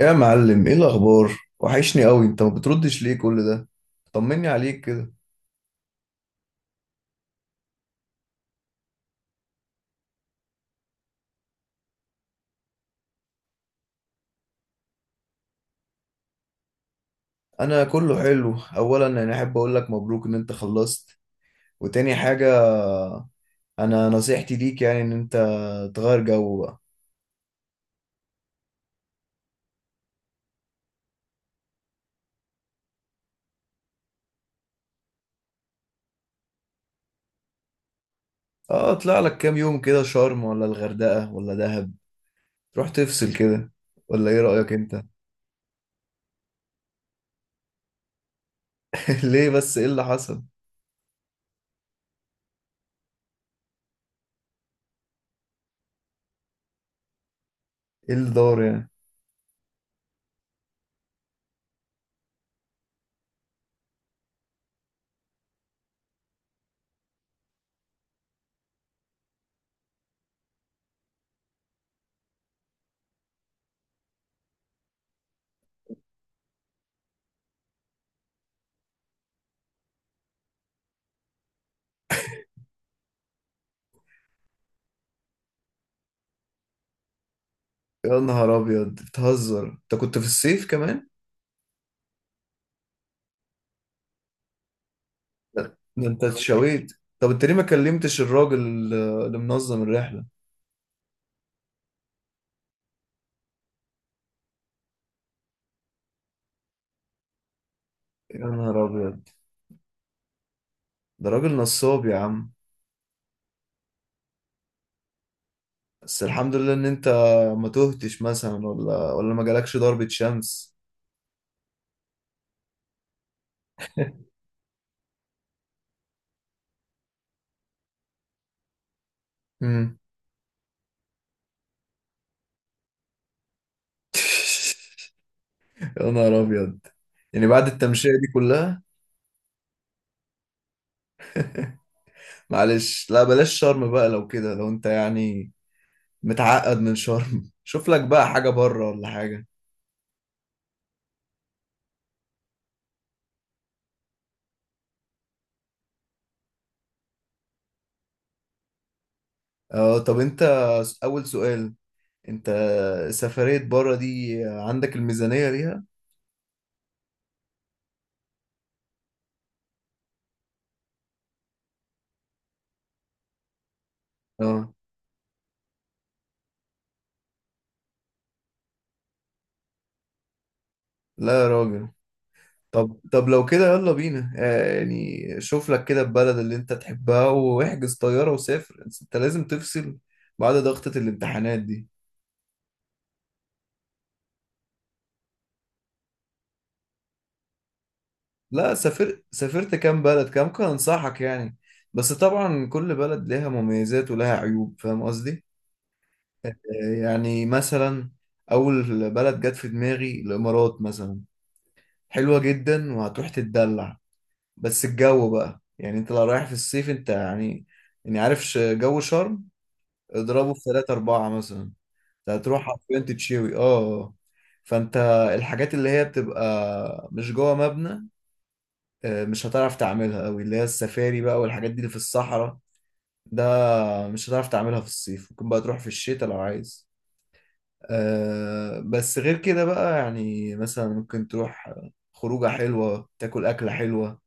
يا معلم، ايه الاخبار؟ وحشني قوي، انت ما بتردش ليه كل ده؟ طمني عليك كده. انا كله حلو. اولا، انا احب اقول لك مبروك ان انت خلصت. وتاني حاجة، انا نصيحتي ليك يعني ان انت تغير جو بقى. اه، اطلع لك كام يوم كده، شرم ولا الغردقة ولا دهب، تروح تفصل كده، ولا ايه رأيك انت؟ ليه بس؟ ايه اللي حصل؟ ايه اللي دار يعني؟ يا نهار ابيض، بتهزر؟ انت كنت في الصيف كمان. ده انت اتشويت. طب انت ليه ما كلمتش الراجل اللي منظم الرحلة؟ يا نهار ابيض، ده راجل نصاب يا عم. بس الحمد لله ان انت ما تهتش مثلا، ولا ما جالكش ضربة شمس. امم يا نهار ابيض، يعني بعد التمشية دي كلها. معلش، لا بلاش شرم بقى لو كده، لو انت يعني متعقد من شرم شوف لك بقى حاجة بره ولا حاجة. اه طب انت، اول سؤال، انت سفرية بره دي عندك الميزانية ليها؟ اه، لا يا راجل. طب طب لو كده يلا بينا، يعني شوف لك كده البلد اللي انت تحبها واحجز طيارة وسافر، انت لازم تفصل بعد ضغطة الامتحانات دي. لا، سافرت كام بلد، كام كان انصحك يعني. بس طبعا كل بلد لها مميزات ولها عيوب، فاهم قصدي؟ آه، يعني مثلا، اول بلد جت في دماغي الامارات مثلا، حلوة جدا وهتروح تتدلع. بس الجو بقى، يعني انت لو رايح في الصيف، انت يعني عارف جو شرم. اضربه في ثلاثة أربعة مثلا، أنت هتروح حرفيا تتشوي. فانت، الحاجات اللي هي بتبقى مش جوه مبنى، مش هتعرف تعملها قوي، اللي هي السفاري بقى والحاجات دي اللي في الصحراء. ده مش هتعرف تعملها في الصيف، ممكن بقى تروح في الشتاء لو عايز. بس غير كده بقى يعني، مثلا ممكن تروح خروجة حلوة، تاكل أكلة حلوة.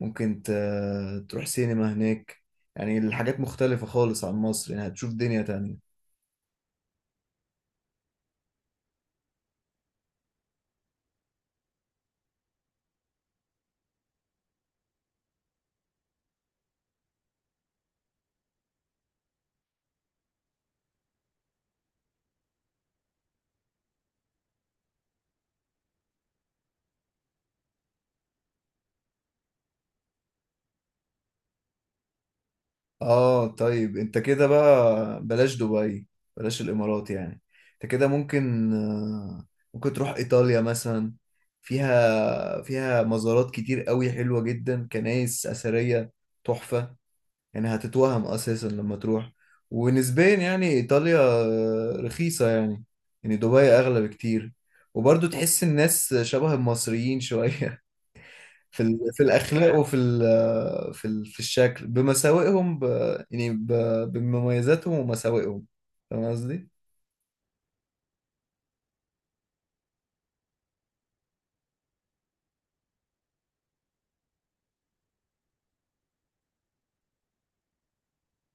ممكن تروح سينما هناك. يعني الحاجات مختلفة خالص عن مصر، يعني هتشوف دنيا تانية. اه طيب، انت كده بقى بلاش دبي، بلاش الامارات يعني. انت كده ممكن، ممكن تروح ايطاليا مثلا. فيها مزارات كتير قوي حلوة جدا، كنائس اثرية تحفة. يعني هتتوهم اساسا لما تروح. ونسبيا يعني ايطاليا رخيصة يعني، يعني دبي اغلى بكتير. وبرضه تحس الناس شبه المصريين شوية في الاخلاق وفي ال في ال في الشكل بمساوئهم، يعني بمميزاتهم ومساوئهم، فاهم قصدي؟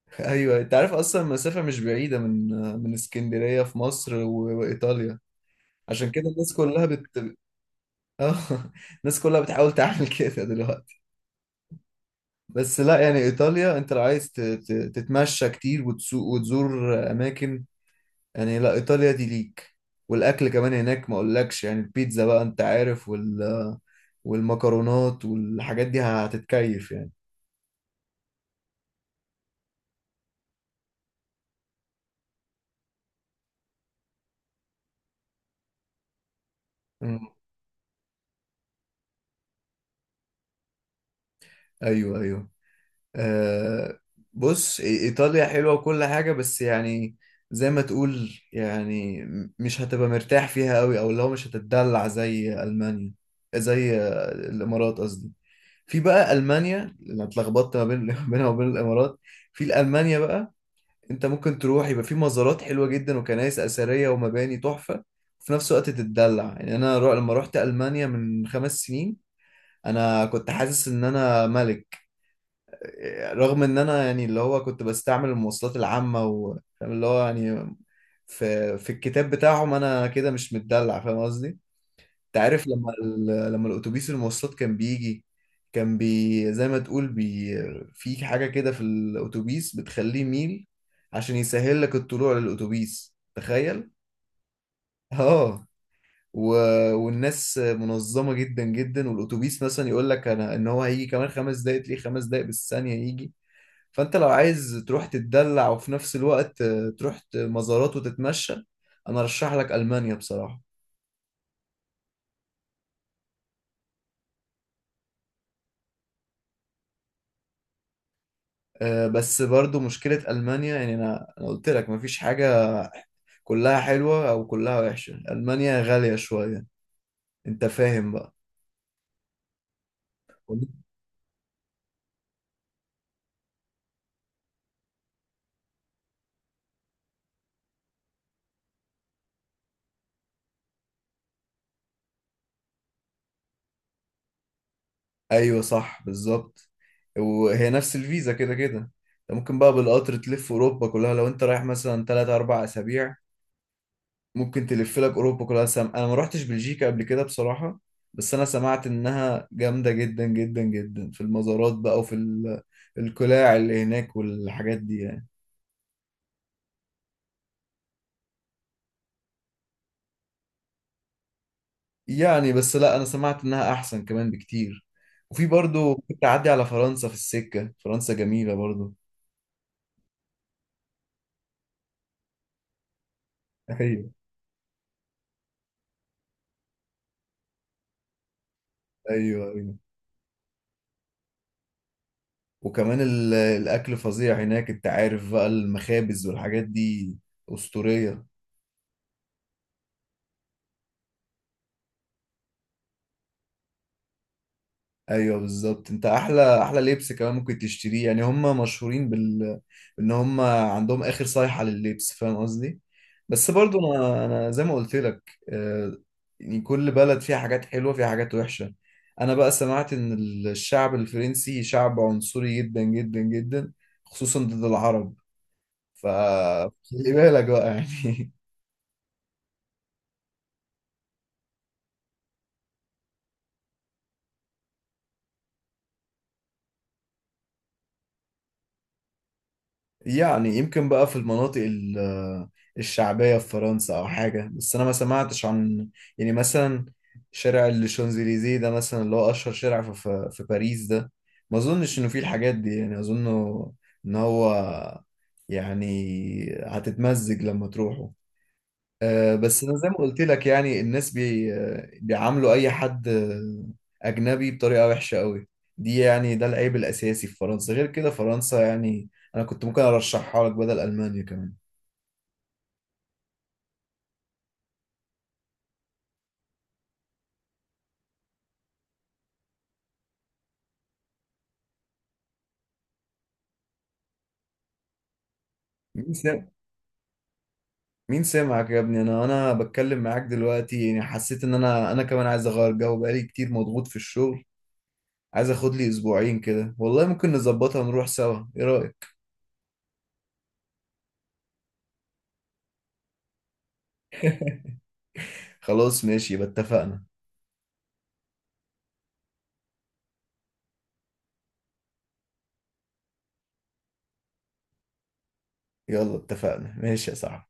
ايوه، انت عارف اصلا المسافه مش بعيده من اسكندريه في مصر وايطاليا. عشان كده الناس كلها. اه. الناس كلها بتحاول تعمل كده دلوقتي. بس لا يعني، ايطاليا انت لو عايز تتمشى كتير وتسوق وتزور اماكن، يعني لا، ايطاليا دي ليك. والاكل كمان هناك ما اقولكش، يعني البيتزا بقى انت عارف، والمكرونات والحاجات دي هتتكيف يعني. مم. ايوه، ايوه. أه، بص، ايطاليا حلوه وكل حاجه، بس يعني زي ما تقول يعني، مش هتبقى مرتاح فيها قوي، او لو مش هتتدلع زي المانيا، زي الامارات قصدي. في بقى المانيا، انا اتلخبطت ما بين بينها وبين الامارات. في المانيا بقى، انت ممكن تروح، يبقى في مزارات حلوه جدا وكنائس اثريه ومباني تحفه، وفي نفس الوقت تتدلع. يعني انا، لما رحت المانيا من 5 سنين، انا كنت حاسس ان انا ملك، رغم ان انا يعني اللي هو كنت بستعمل المواصلات العامة فاهم اللي هو يعني. في الكتاب بتاعهم انا كده مش متدلع، فاهم قصدي. انت عارف لما الاتوبيس المواصلات كان بيجي، كان زي ما تقول، في حاجة كده في الاتوبيس بتخليه ميل، عشان يسهل لك الطلوع للاتوبيس، تخيل. اه. و... والناس منظمة جدا جدا، والأتوبيس مثلا يقول لك أنا إن هو هيجي كمان 5 دقايق، تلاقيه 5 دقايق بالثانية يجي. فأنت لو عايز تروح تتدلع، وفي نفس الوقت تروح مزارات وتتمشى، أنا أرشح لك ألمانيا بصراحة. بس برضو مشكلة ألمانيا، يعني أنا قلت لك مفيش حاجة كلها حلوة أو كلها وحشة، ألمانيا غالية شوية، أنت فاهم بقى. ايوه صح بالظبط. وهي نفس الفيزا كده كده، انت ممكن بقى بالقطر تلف اوروبا كلها لو انت رايح مثلا 3 4 اسابيع، ممكن تلف لك اوروبا كلها. انا ما رحتش بلجيكا قبل كده بصراحة، بس انا سمعت انها جامدة جدا جدا جدا في المزارات بقى، وفي القلاع اللي هناك والحاجات دي يعني. يعني بس لا، انا سمعت انها احسن كمان بكتير. وفي برضو كنت اعدي على فرنسا في السكة، فرنسا جميلة برضو. ايوه، ايوه. أيوة. وكمان الاكل فظيع هناك، انت عارف بقى، المخابز والحاجات دي اسطورية. ايوه بالظبط، انت احلى احلى لبس كمان ممكن تشتريه، يعني هم مشهورين. ان هم عندهم اخر صيحة لللبس، فاهم قصدي. بس برضو انا زي ما قلت لك، آه، يعني كل بلد فيها حاجات حلوة، فيها حاجات وحشة. انا بقى سمعت ان الشعب الفرنسي شعب عنصري جدا جدا جدا، خصوصا ضد العرب، فخلي بالك بقى يعني. يعني يمكن بقى في المناطق الشعبية في فرنسا أو حاجة، بس أنا ما سمعتش عن، يعني مثلا، شارع الشانزليزيه ده مثلا اللي هو أشهر شارع في باريس ده، ما أظنش إنه فيه الحاجات دي، يعني أظن إن هو يعني هتتمزج لما تروحه. بس انا زي ما قلت لك، يعني الناس، بي آه، بيعاملوا اي حد اجنبي بطريقه وحشه قوي دي، يعني ده العيب الاساسي في فرنسا. غير كده فرنسا يعني انا كنت ممكن ارشحها لك بدل المانيا كمان. مين سمع مين سمعك يا ابني، انا بتكلم معاك دلوقتي يعني، حسيت ان انا كمان عايز اغير جو، بقالي كتير مضغوط في الشغل. عايز اخد لي اسبوعين كده، والله ممكن نظبطها ونروح سوا، ايه رايك؟ خلاص ماشي، يبقى اتفقنا. يلا اتفقنا، ماشي يا صاحبي.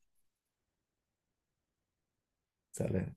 سلام.